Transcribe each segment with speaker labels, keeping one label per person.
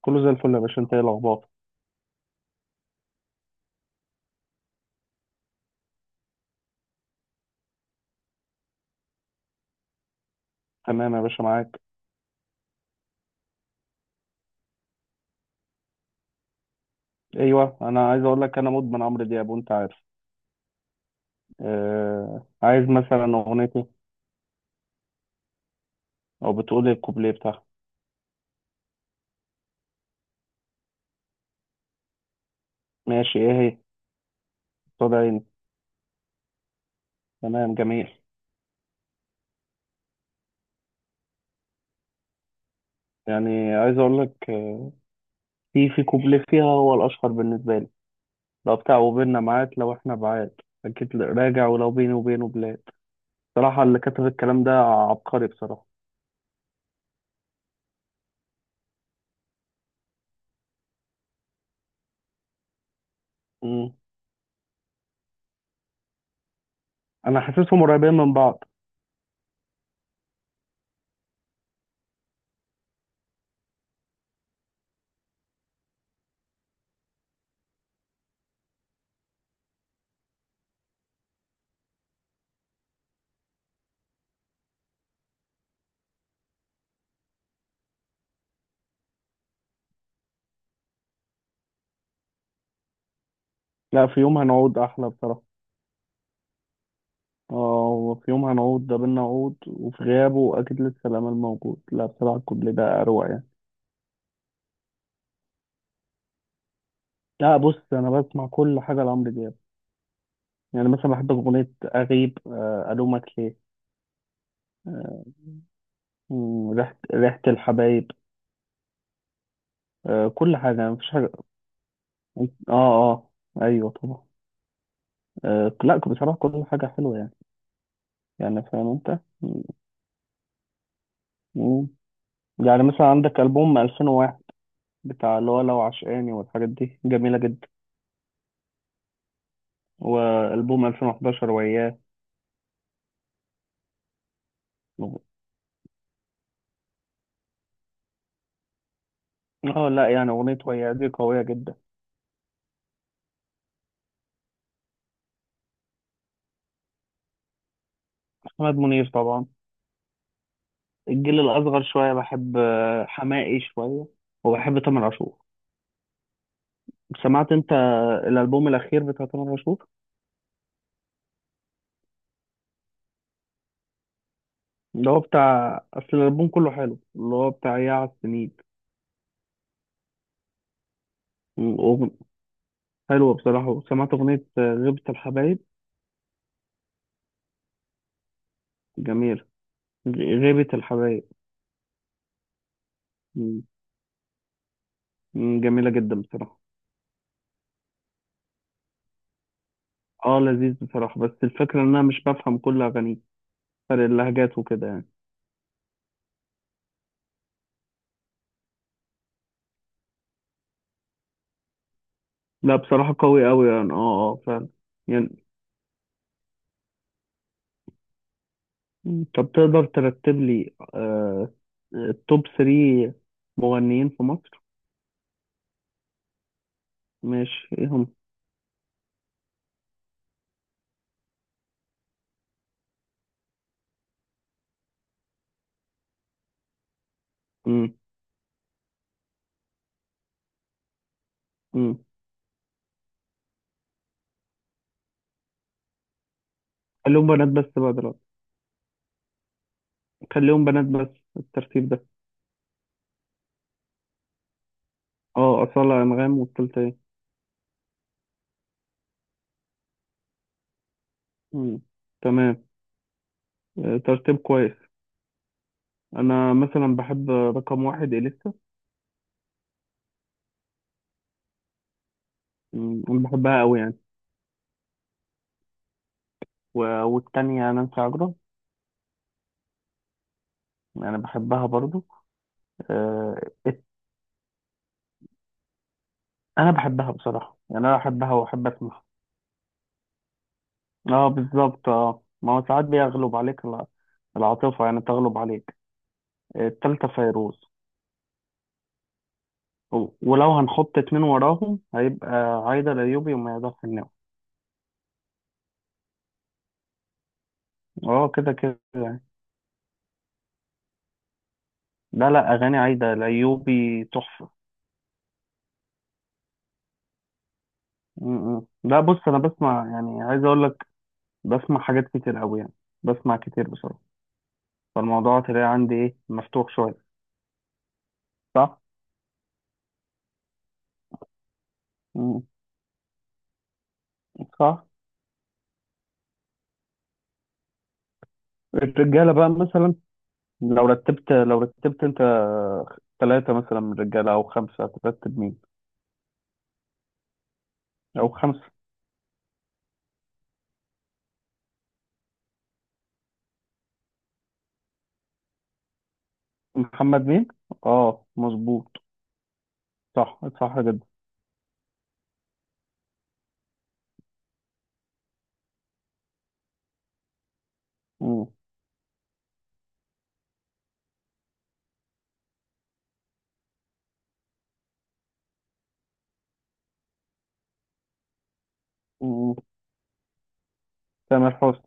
Speaker 1: كله زي الفل يا باشا، انت ايه الاخبار؟ تمام يا باشا، معاك. ايوه، انا عايز اقول لك انا مدمن عمرو دياب وانت عارف. عايز مثلا اغنيتي او بتقول إيه، الكوبليه بتاعها. ماشي، ايه هي؟ قصاد عيني. تمام، جميل. يعني عايز اقول لك، في كوبليه فيها هو الاشهر بالنسبه لي. لو بتاع وبيننا معاد، لو احنا بعاد اكيد راجع، ولو بيني وبينه بلاد. بصراحه اللي كتب الكلام ده عبقري بصراحه. مم. انا حاسسهم قريبين من بعض. لا، في يوم هنقعد احلى بصراحه. اه، وفي يوم هنعود ده بينا عود، وفي غيابه أكيد لسه الأمل موجود. لا، بصراحة الكوبليه ده أروع يعني. لا بص، أنا بسمع كل حاجة لعمرو دياب. يعني مثلا بحب أغنية أغيب، ألومك ليه. آه، ريحة الحبايب. كل حاجة يعني، مفيش حاجة. اه، اه، أيوه طبعا. لا بصراحة، كل حاجة حلوة يعني. يعني فاهم أنت. مم. يعني مثلا عندك ألبوم 2001 بتاع، اللي هو لو عشقاني، والحاجات دي جميلة جدا. وألبوم 2011 وياه. اه لا، يعني اغنيه ويا دي قويه جدا. محمد منير طبعا. الجيل الاصغر شويه بحب، حماقي شويه. وبحب تامر عاشور. سمعت انت الالبوم الاخير بتاع تامر عاشور؟ اللي هو بتاع، اصل الالبوم كله حلو، اللي هو بتاع يا على السنين. وأغن- حلوه بصراحه. سمعت اغنيه، غيبه الحبايب. جميله. غ- غيبه الحبايب. م- جميله جدا بصراحه. اه لذيذ بصراحه، بس الفكره ان انا مش بفهم كل اغانيه، فرق اللهجات وكده يعني. لا بصراحة، قوي قوي يعني، اه اه فعلا. يعني طب تقدر ترتب لي، آه، التوب 3 مغنيين في مصر؟ ماشي، ايه هم؟ مم. مم. خليهم بنات بس بقى دلوقتي. خليهم بنات بس الترتيب ده. اه، أصالة، أنغام، والتالتة ايه؟ مم. تمام. آه، ترتيب كويس. أنا مثلا بحب رقم واحد إليسا. مم، أنا بحبها قوي يعني. والتانية نانسي عجرم. أنا بحبها برضو. آه، أنا بحبها بصراحة يعني، أنا بحبها وأحب أسمعها. اه بالظبط، اه، ما هو ساعات بيغلب عليك العاطفة يعني، تغلب عليك. التالتة فيروز. ولو هنحط اتنين وراهم، هيبقى عايدة الأيوبي وما يقدرش النوم. اه كده كده يعني. لا لا، أغاني عايدة الأيوبي تحفة. م. لا بص، أنا بسمع يعني، عايز أقول لك، بسمع حاجات كتير أوي يعني، بسمع كتير بصراحة. فالموضوع تلاقي عندي إيه، مفتوح شوية. صح؟ م. صح. الرجالة بقى مثلا، لو رتبت، لو رتبت انت ثلاثة مثلا من الرجالة او خمسة، هترتب مين؟ او خمسة. محمد مين؟ اه مظبوط. صح، صح جدا. مم. مم. تامر حسني.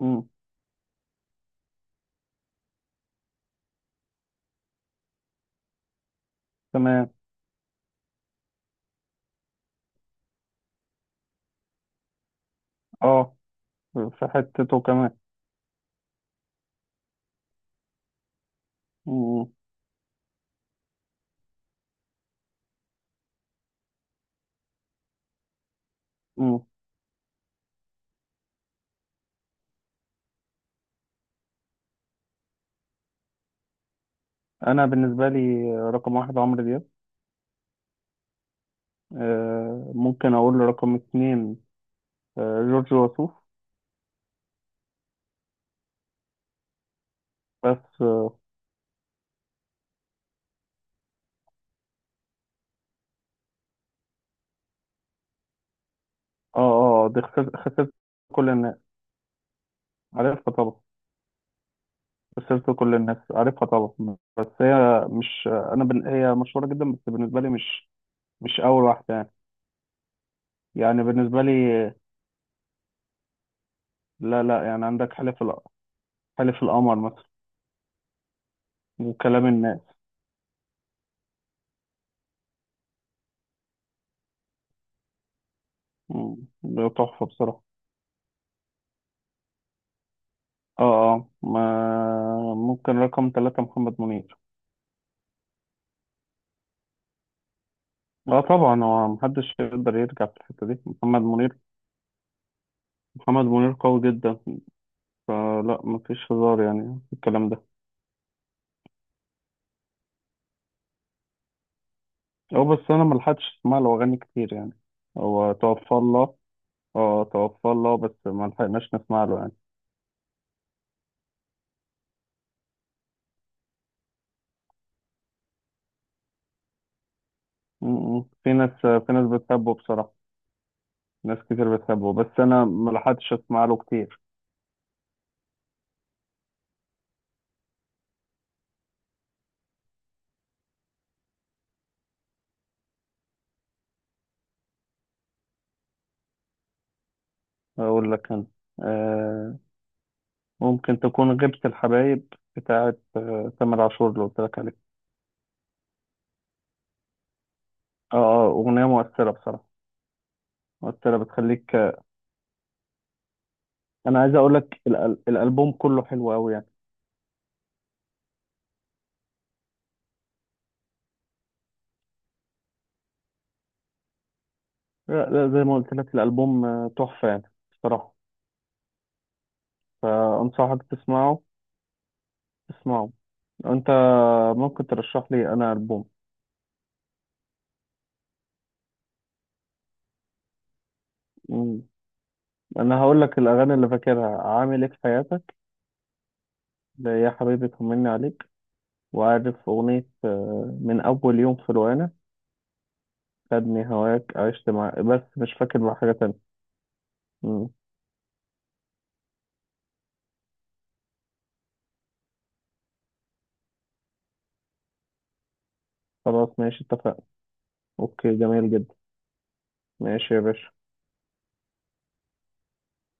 Speaker 1: مم. تمام. اه، في حتته كمان. مم. مم. انا بالنسبة لي، رقم واحد عمرو دياب. آه، ممكن اقول رقم اتنين، آه، جورج وسوف. بس اه، اه، دي خسرت كل الناس، عارفها طبعا. سلسلة كل الناس، عارفها طبعا، بس هي مش، هي مشهورة جدا بس بالنسبة لي مش، مش اول واحدة يعني. يعني بالنسبة لي، لا لا يعني، حلف القمر مثلا. وكلام الناس. مم. ده تحفة بصراحة. اه، اه، ما ممكن رقم ثلاثة محمد منير. اه طبعا، هو محدش يقدر يرجع في الحتة دي، محمد منير. محمد منير قوي جدا، فلا مفيش هزار يعني في الكلام ده. هو بس انا ملحقتش اسمع له اغاني كتير يعني. هو توفى الله. اه توفى الله، بس ما لحقناش نسمع له يعني. م. في ناس بتحبه بصراحة، ناس كتير بتحبه بس انا ما لحقتش اسمع له كتير. اقول لك انا، آه، ممكن تكون غيبة الحبايب بتاعت، آه، تامر عاشور، اللي قلت لك عليه. اه، اه، اغنية مؤثرة بصراحة، مؤثرة بتخليك. انا عايز اقول لك الالبوم كله حلو قوي يعني. لا لا، زي ما قلت لك الالبوم، تحفة يعني بصراحة. فانصحك تسمعه، تسمعه انت. ممكن ترشح لي انا البوم؟ انا هقول لك الاغاني اللي فاكرها عامل ايه في حياتك. ده يا حبيبي طمني عليك. وعارف اغنيه، من اول يوم في روقانه، خدني هواك، عشت مع، بس مش فاكر بقى حاجه تانية. مم. خلاص ماشي، اتفقنا. اوكي، جميل جدا. ماشي يا باشا.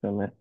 Speaker 1: تمام.